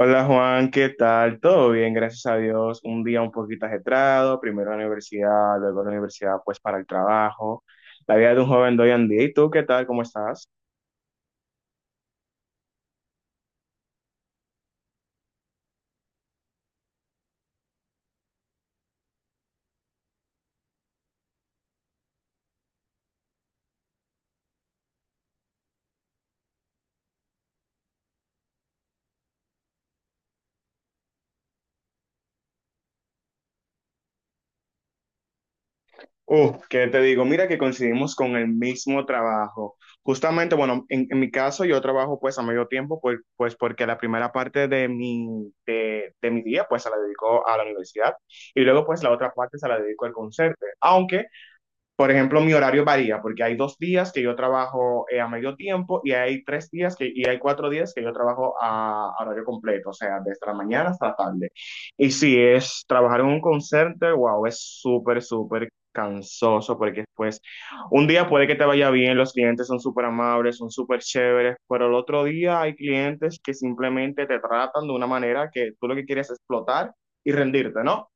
Hola Juan, ¿qué tal? Todo bien, gracias a Dios. Un día un poquito ajetreado, primero la universidad, luego la universidad pues para el trabajo. La vida de un joven de hoy en día. ¿Y tú qué tal? ¿Cómo estás? ¿Qué te digo? Mira que coincidimos con el mismo trabajo. Justamente, bueno, en mi caso yo trabajo pues a medio tiempo, pues, pues porque la primera parte de mi, de mi día pues se la dedico a la universidad y luego pues la otra parte se la dedico al concierto. Aunque por ejemplo, mi horario varía porque hay dos días que yo trabajo a medio tiempo y hay tres días que, y hay cuatro días que yo trabajo a horario completo, o sea, desde la mañana hasta la tarde. Y si es trabajar en un concierto, wow, es súper, súper cansoso porque pues un día puede que te vaya bien, los clientes son súper amables, son súper chéveres, pero el otro día hay clientes que simplemente te tratan de una manera que tú lo que quieres es explotar y rendirte, ¿no?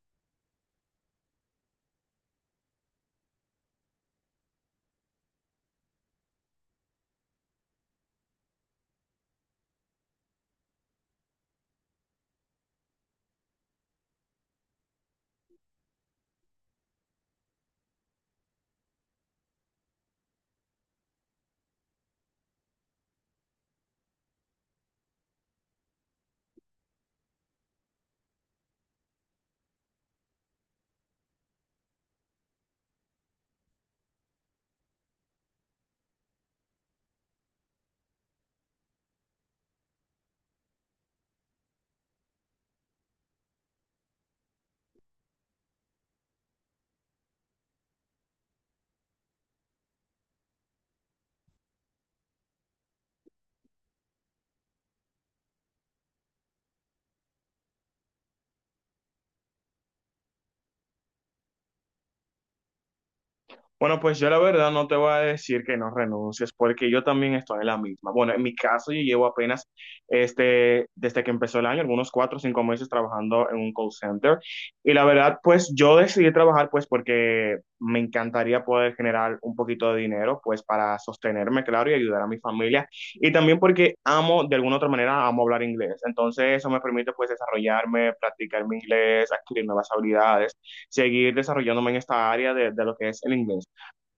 Bueno, pues yo la verdad no te voy a decir que no renuncies, porque yo también estoy en la misma. Bueno, en mi caso yo llevo apenas, este, desde que empezó el año, algunos cuatro o cinco meses trabajando en un call center. Y la verdad, pues yo decidí trabajar, pues porque me encantaría poder generar un poquito de dinero, pues para sostenerme, claro, y ayudar a mi familia. Y también porque amo, de alguna otra manera, amo hablar inglés. Entonces eso me permite, pues, desarrollarme, practicar mi inglés, adquirir nuevas habilidades, seguir desarrollándome en esta área de lo que es el inglés.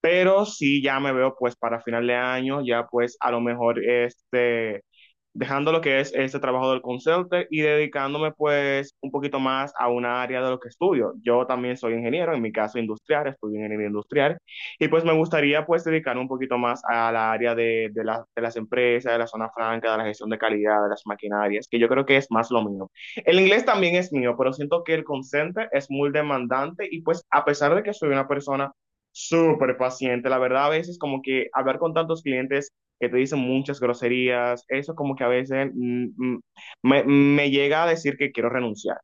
Pero sí ya me veo pues para final de año, ya pues a lo mejor este, dejando lo que es este trabajo del consultor y dedicándome pues un poquito más a una área de lo que estudio. Yo también soy ingeniero, en mi caso industrial, estudio ingeniería industrial y pues me gustaría pues dedicarme un poquito más a la área de, de las empresas, de la zona franca, de la gestión de calidad, de las maquinarias, que yo creo que es más lo mío. El inglés también es mío, pero siento que el consente es muy demandante y pues a pesar de que soy una persona súper paciente, la verdad, a veces como que hablar con tantos clientes que te dicen muchas groserías, eso como que a veces me llega a decir que quiero renunciar.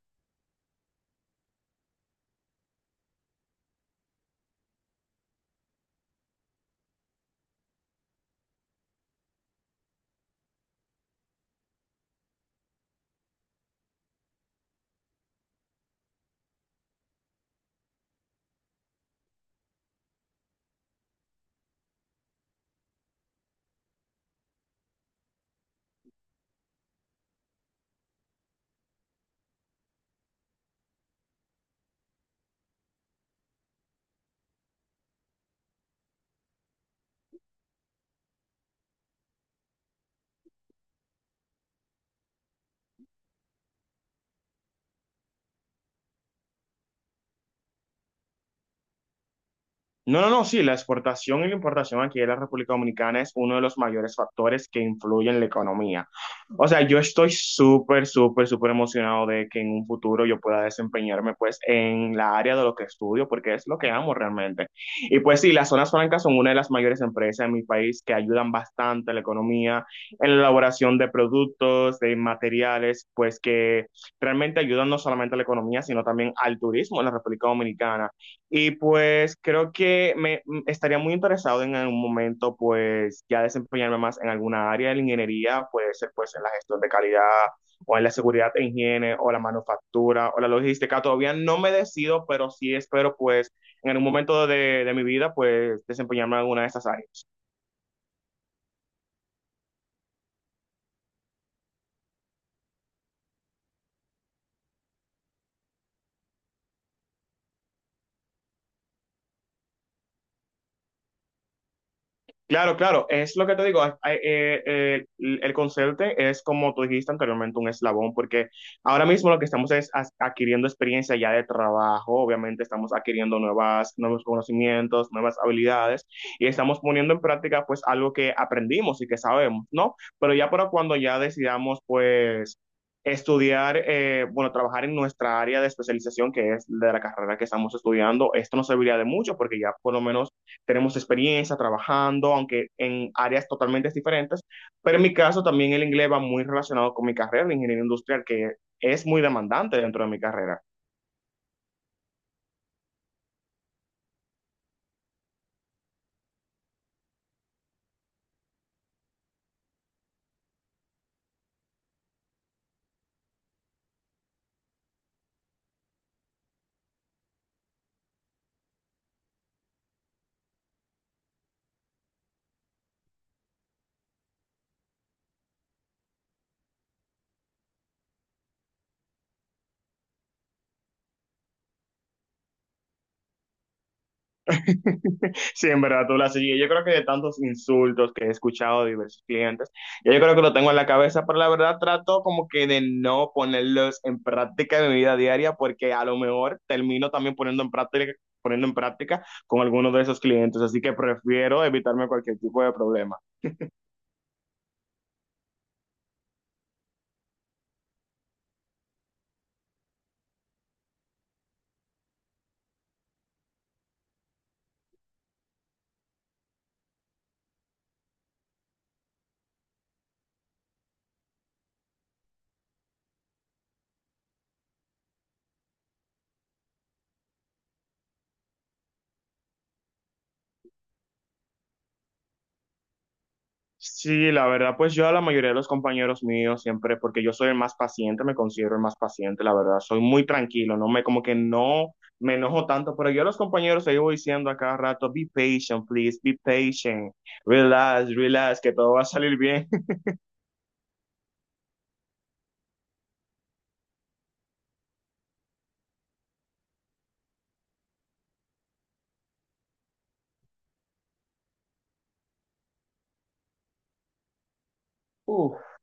No, no, no, sí, la exportación y la importación aquí de la República Dominicana es uno de los mayores factores que influyen en la economía. O sea, yo estoy súper, súper, súper emocionado de que en un futuro yo pueda desempeñarme pues en la área de lo que estudio, porque es lo que amo realmente. Y pues sí, las zonas francas son una de las mayores empresas en mi país que ayudan bastante a la economía, en la elaboración de productos, de materiales, pues que realmente ayudan no solamente a la economía, sino también al turismo en la República Dominicana. Y pues creo que estaría muy interesado en algún momento pues ya desempeñarme más en alguna área de la ingeniería, puede ser pues en la gestión de calidad o en la seguridad e higiene o la manufactura o la logística. Todavía no me decido, pero sí espero pues en algún momento de mi vida pues desempeñarme en alguna de esas áreas. Claro, claro, es lo que te digo, el conserje es como tú dijiste anteriormente, un eslabón, porque ahora mismo lo que estamos es adquiriendo experiencia ya de trabajo, obviamente estamos adquiriendo nuevas, nuevos conocimientos, nuevas habilidades, y estamos poniendo en práctica pues algo que aprendimos y que sabemos, ¿no? Pero ya para cuando ya decidamos pues estudiar, bueno, trabajar en nuestra área de especialización, que es de la carrera que estamos estudiando, esto nos serviría de mucho porque ya por lo menos tenemos experiencia trabajando, aunque en áreas totalmente diferentes, pero en mi caso también el inglés va muy relacionado con mi carrera de ingeniería industrial, que es muy demandante dentro de mi carrera. Sí, en verdad, tú la sigues. Yo creo que de tantos insultos que he escuchado de diversos clientes, ya yo creo que lo tengo en la cabeza, pero la verdad trato como que de no ponerlos en práctica en mi vida diaria, porque a lo mejor termino también poniendo en práctica con algunos de esos clientes, así que prefiero evitarme cualquier tipo de problema. Sí, la verdad, pues yo a la mayoría de los compañeros míos siempre, porque yo soy el más paciente, me considero el más paciente, la verdad, soy muy tranquilo, no me como que no me enojo tanto, pero yo a los compañeros les voy diciendo a cada rato, be patient, please, be patient, relax, relax, que todo va a salir bien. Uf.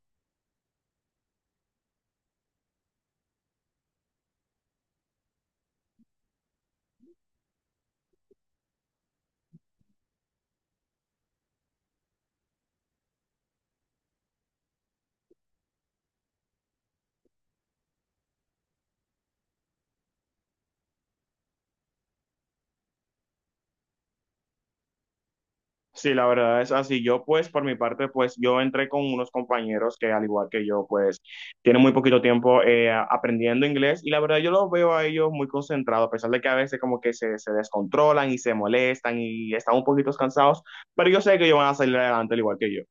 Sí, la verdad es así. Yo, pues, por mi parte, pues, yo entré con unos compañeros que, al igual que yo, pues, tienen muy poquito tiempo aprendiendo inglés y la verdad yo los veo a ellos muy concentrados, a pesar de que a veces como que se descontrolan y se molestan y están un poquito cansados, pero yo sé que ellos van a salir adelante al igual que yo.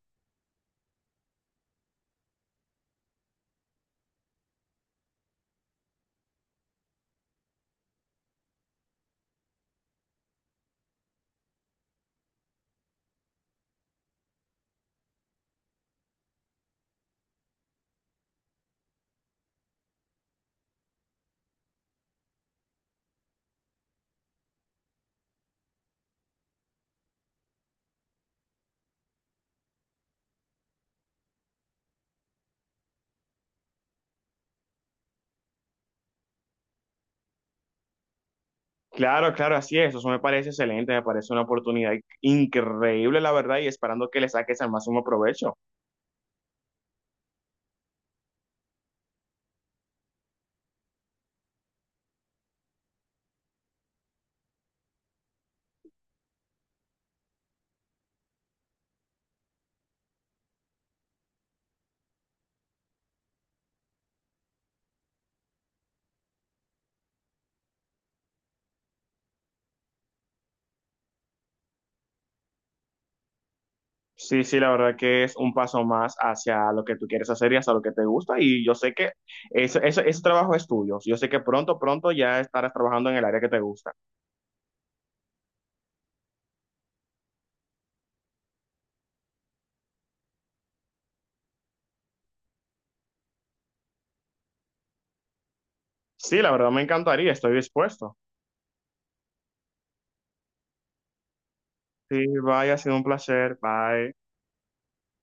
Claro, claro, así es. Eso me parece excelente, me parece una oportunidad increíble, la verdad, y esperando que le saques al máximo provecho. Sí, sí, la verdad que es un paso más hacia lo que tú quieres hacer y hacia lo que te gusta. Y yo sé que ese trabajo es tuyo. Yo sé que pronto, pronto ya estarás trabajando en el área que te gusta. Sí, la verdad me encantaría, estoy dispuesto. Sí, bye, ha sido un placer. Bye.